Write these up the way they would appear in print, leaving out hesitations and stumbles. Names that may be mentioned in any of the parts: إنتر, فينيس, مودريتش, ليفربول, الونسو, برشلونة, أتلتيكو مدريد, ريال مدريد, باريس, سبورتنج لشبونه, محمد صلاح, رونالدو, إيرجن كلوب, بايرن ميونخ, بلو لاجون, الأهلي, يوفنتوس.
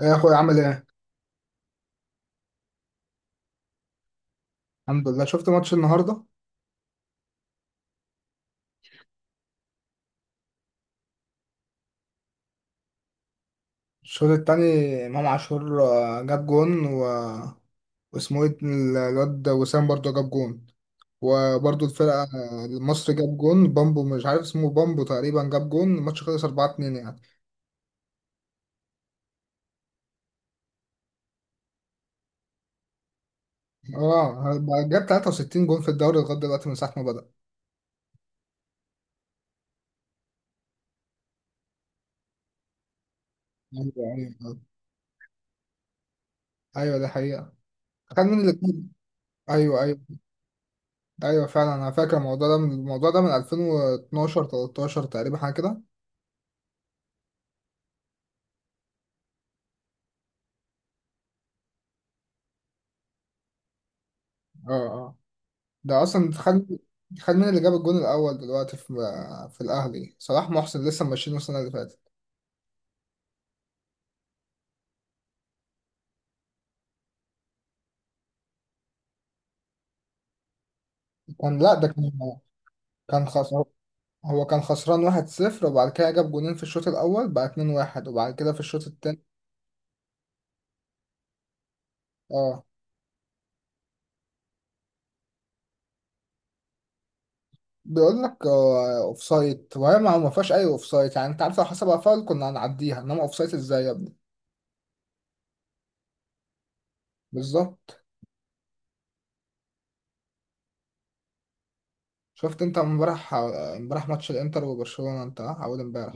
ايه يا اخويا، عامل ايه؟ الحمد لله. شفت ماتش النهارده؟ الشوط التاني. امام عاشور جاب جون واسمه ايه الواد وسام برضه جاب جون. وبرضه الفرقه مصر جاب جون بامبو، مش عارف اسمه، بامبو تقريبا جاب جون. الماتش خلص 4-2 يعني. اه، بقى جاب 63 جون في الدوري لغايه دلوقتي من ساعه ما بدأ. ايوه، ايوه. ايوه، دي حقيقه. كان مين اللي كسب؟ ايوه، ايوه. ايوه، فعلا انا فاكر الموضوع ده من 2012 13 تقريبا، حاجه كده. اه، ده اصلا خد. مين اللي جاب الجون الاول دلوقتي في الاهلي؟ صلاح محسن، لسه ماشيين السنه اللي فاتت. لا، ده كان خسر. هو كان خسران 1-0، وبعد كده جاب جونين في الشوط الاول بقى 2-1. وبعد كده في الشوط التاني، اه. بيقول لك اوف سايد، وهي ما فيهاش اي اوف سايد يعني. انت عارف، لو حسبها فاول كنا هنعديها، انما اوف سايد ازاي يا ابني؟ بالظبط. شفت انت امبارح ماتش الانتر وبرشلونه، انت اه؟ اول امبارح.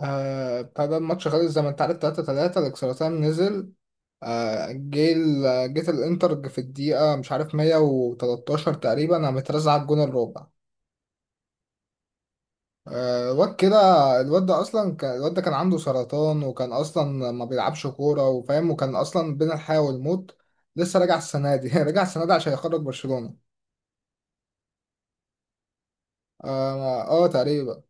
بتاع ده، الماتش خلص زي ما انت عارف 3-3. الاكسترا تايم نزل. جيت الانتر في الدقيقة مش عارف 113 تقريبا، انا مترزع على الجون الرابع. الواد كده. الواد ده كان عنده سرطان، وكان اصلا ما بيلعبش كورة وفاهم، وكان اصلا بين الحياة والموت. لسه راجع السنة دي راجع السنة دي عشان يخرج برشلونة. اه، تقريبا.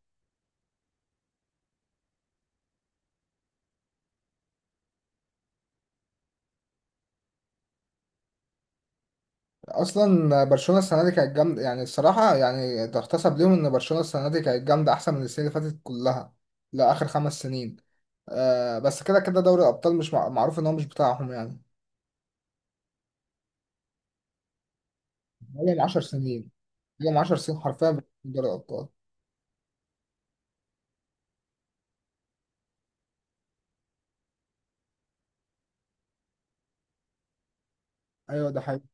اصلا برشلونه السنه دي كانت جامده، يعني الصراحه، يعني تحتسب ليهم ان برشلونه السنه دي كانت جامده احسن من السنه اللي فاتت كلها. لاخر خمس سنين. بس كده كده، دوري الابطال مش معروف ان هو مش بتاعهم يعني. بقالهم 10 سنين، بقالهم 10 سنين حرفيا بيلعبوا دوري الابطال. ايوه، ده حقيقي.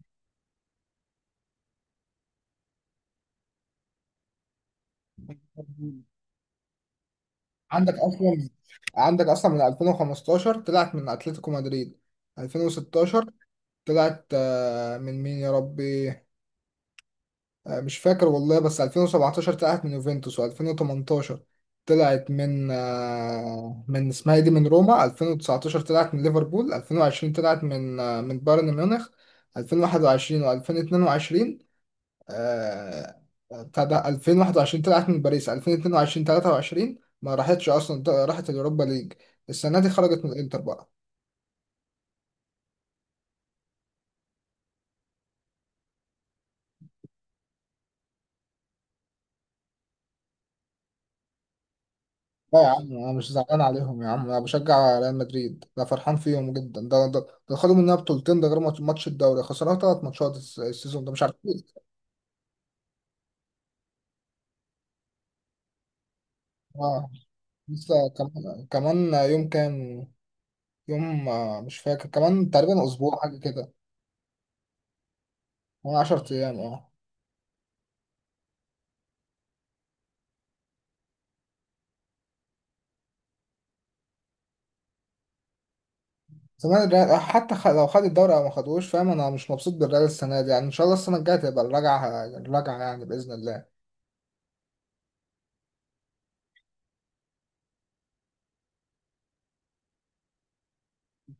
عندك اصلا عندك اصلا، من 2015 طلعت من اتلتيكو مدريد. 2016 طلعت من مين يا ربي؟ مش فاكر والله، بس 2017 طلعت من يوفنتوس، و2018 طلعت من اسمها إيه دي، من روما. 2019 طلعت من ليفربول. 2020 طلعت من بايرن ميونخ. 2021 و2022، آه، بتاع ده، 2021 طلعت من باريس. 2022 23 ما راحتش اصلا، راحت اليوروبا ليج. السنه دي خرجت من الانتر بقى. لا يا عم، انا مش زعلان عليهم يا عم، انا بشجع ريال مدريد، انا فرحان فيهم جدا. ده خدوا مننا بطولتين، ده غير ماتش الدوري، خسرنا ثلاث ماتشات السيزون ده، مش عارف ليه. اه، لسه كمان يوم كام. يوم مش فاكر، كمان تقريبا اسبوع، حاجه كده. كمان 10 ايام، اه. زمان الريال حتى لو خد الدوري او ما خدوش، فاهم، انا مش مبسوط بالريال السنه دي، يعني ان شاء الله السنه الجايه تبقى الرجعه، الرجعه يعني باذن الله.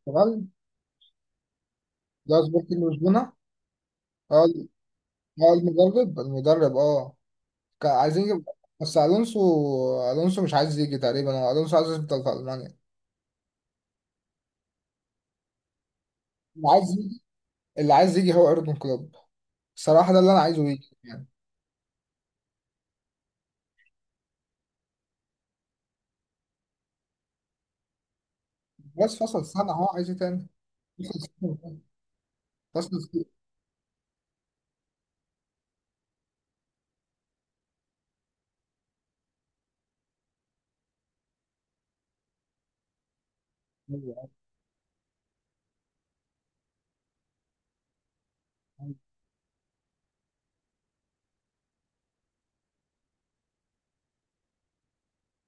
تمام. ده سبورتنج لشبونه. اه، المدرب، اه. كان عايزين يجيب. بس الونسو. الونسو مش عايز يجي تقريبا، هو الونسو عايز يفضل في المانيا. اللي عايز يجي اللي عايز يجي هو ايرجن كلوب. الصراحه ده اللي انا عايزه يجي يعني. بس فصل سنه، هو عايز ايه تاني؟ فصل سنة.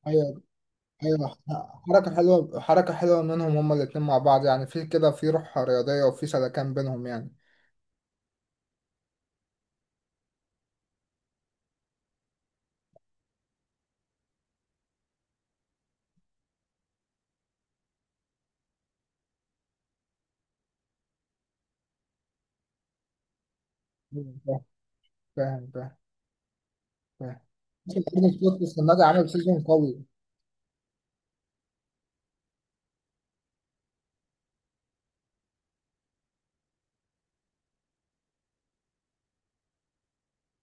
ايوه، ايوه. حركه حلوه، حركه حلوه منهم هما الاتنين مع بعض، يعني في كده، في روح رياضيه وفي سلكان بينهم يعني. فاهم، فاهم، فاهم، فاهم. النادي عامل سيزون قوي.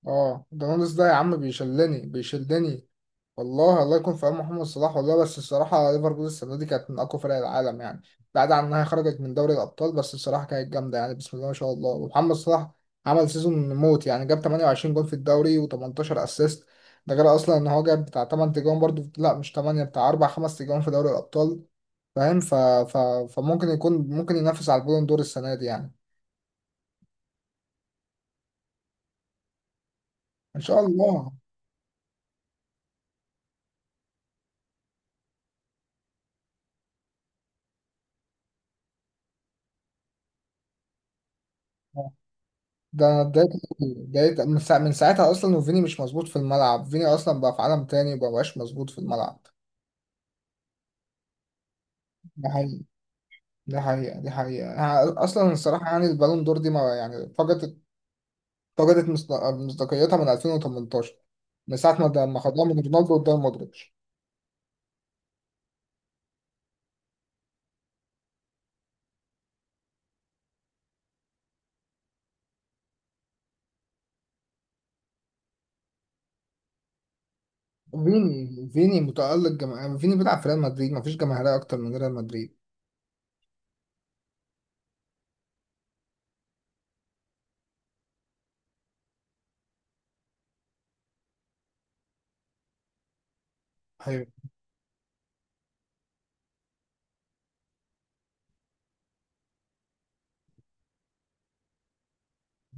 اه، ده نونس ده يا عم، بيشلني بيشلني. والله، الله يكون في عون محمد صلاح والله، بس الصراحة ليفربول السنة دي كانت من أقوى فرق العالم يعني. بعد عن إنها خرجت من دوري الأبطال، بس الصراحة كانت جامدة يعني، بسم الله ما شاء الله. ومحمد صلاح عمل سيزون موت يعني، جاب 28 جول في الدوري و18 أسيست. ده غير أصلا إن هو جاب بتاع 8 تجوان برضه، لا مش 8، بتاع 4 5 تجوان في دوري الأبطال. فاهم. ف... فممكن يكون، ممكن ينافس على البالون دور السنة دي يعني. إن شاء الله. ده انا اتضايقت أوي. اتضايقت من، ساعة من ساعتها اصلا، وفيني مش مظبوط في الملعب، فيني اصلا بقى في عالم تاني، مبقاش مظبوط في الملعب. ده حقيقي، ده حقيقة، ده حقيقة. أنا اصلا الصراحة يعني، البالون دور دي ما يعني، فقدت مصداقيتها من 2018. من ساعة ما خدوها من رونالدو قدام مودريتش. فيني متألق جماهير، فيني بيلعب في ريال مدريد، مفيش جماهيرية اكتر من ريال مدريد.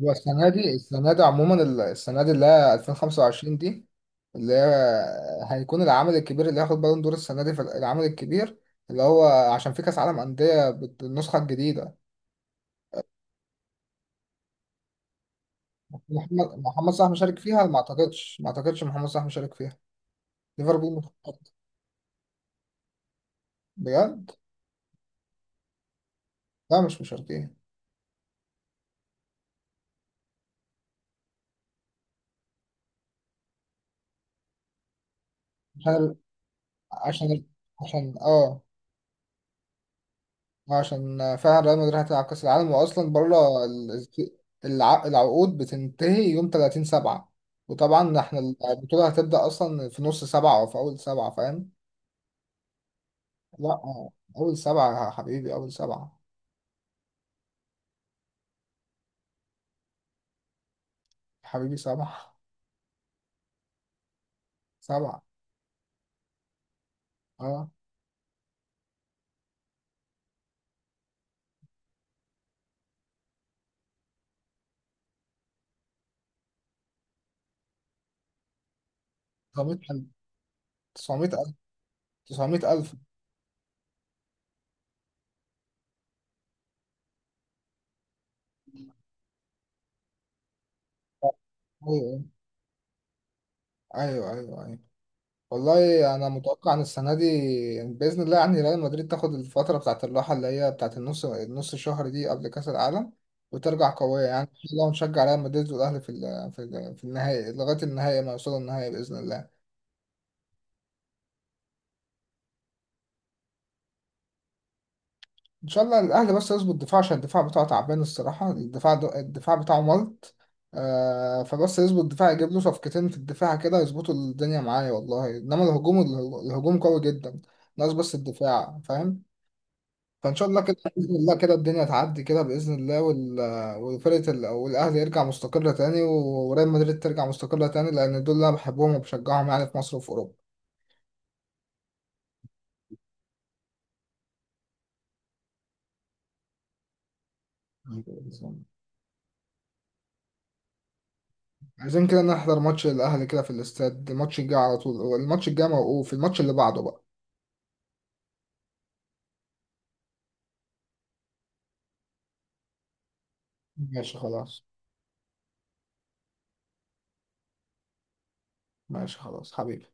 هو السنة دي عموما، السنة دي اللي هي 2025 دي، اللي هي هيكون العمل الكبير اللي هياخد بالون دور السنة دي في العمل الكبير، اللي هو عشان في كأس عالم أندية بالنسخة الجديدة. محمد صلاح مشارك فيها، ما أعتقدش، ما أعتقدش محمد صلاح مشارك فيها. ليفربول مشارك. بجد؟ لا، مش مشاركين. عشان ال- عشان ال- عشان اه عشان فعلا ريال مدريد هتلعب كأس العالم، وأصلا بره العقود بتنتهي يوم 30 سبعة. وطبعا احنا البطولة هتبدأ أصلا في نص سبعة أو في أول سبعة، فاهم؟ لا، أول سبعة يا حبيبي، أول سبعة حبيبي، سبعة، سبعة، أه. 900 ألف، 900 ألف، 900 ألف. أيوه، أيوه، أيوه، أيوه. والله انا متوقع ان السنه دي، يعني باذن الله يعني، ريال مدريد تاخد الفتره بتاعه الراحه اللي هي بتاعه النص شهر دي قبل كاس العالم، وترجع قويه يعني، ان شاء الله نشجع ريال مدريد والاهلي في النهائي، لغايه النهائي ما يوصلوا النهائي باذن الله. ان شاء الله الاهلي بس يظبط دفاع، عشان الدفاع بتاعه تعبان الصراحه، الدفاع بتاعه ملط. فبس يظبط الدفاع، يجيب له صفقتين في الدفاع كده يظبطوا الدنيا معايا والله، انما الهجوم، الهجوم قوي جدا، ناقص بس الدفاع، فاهم. فان شاء الله كده، باذن الله كده الدنيا تعدي كده باذن الله، والاهلي يرجع مستقره تاني، وريال مدريد ترجع مستقره تاني، لان دول اللي انا بحبهم وبشجعهم يعني في مصر وفي اوروبا. عايزين كده نحضر ماتش الاهلي كده في الاستاد، الماتش الجاي على طول، الماتش الجاي موقوف، الماتش اللي بعده بقى. ماشي خلاص. ماشي خلاص حبيبي.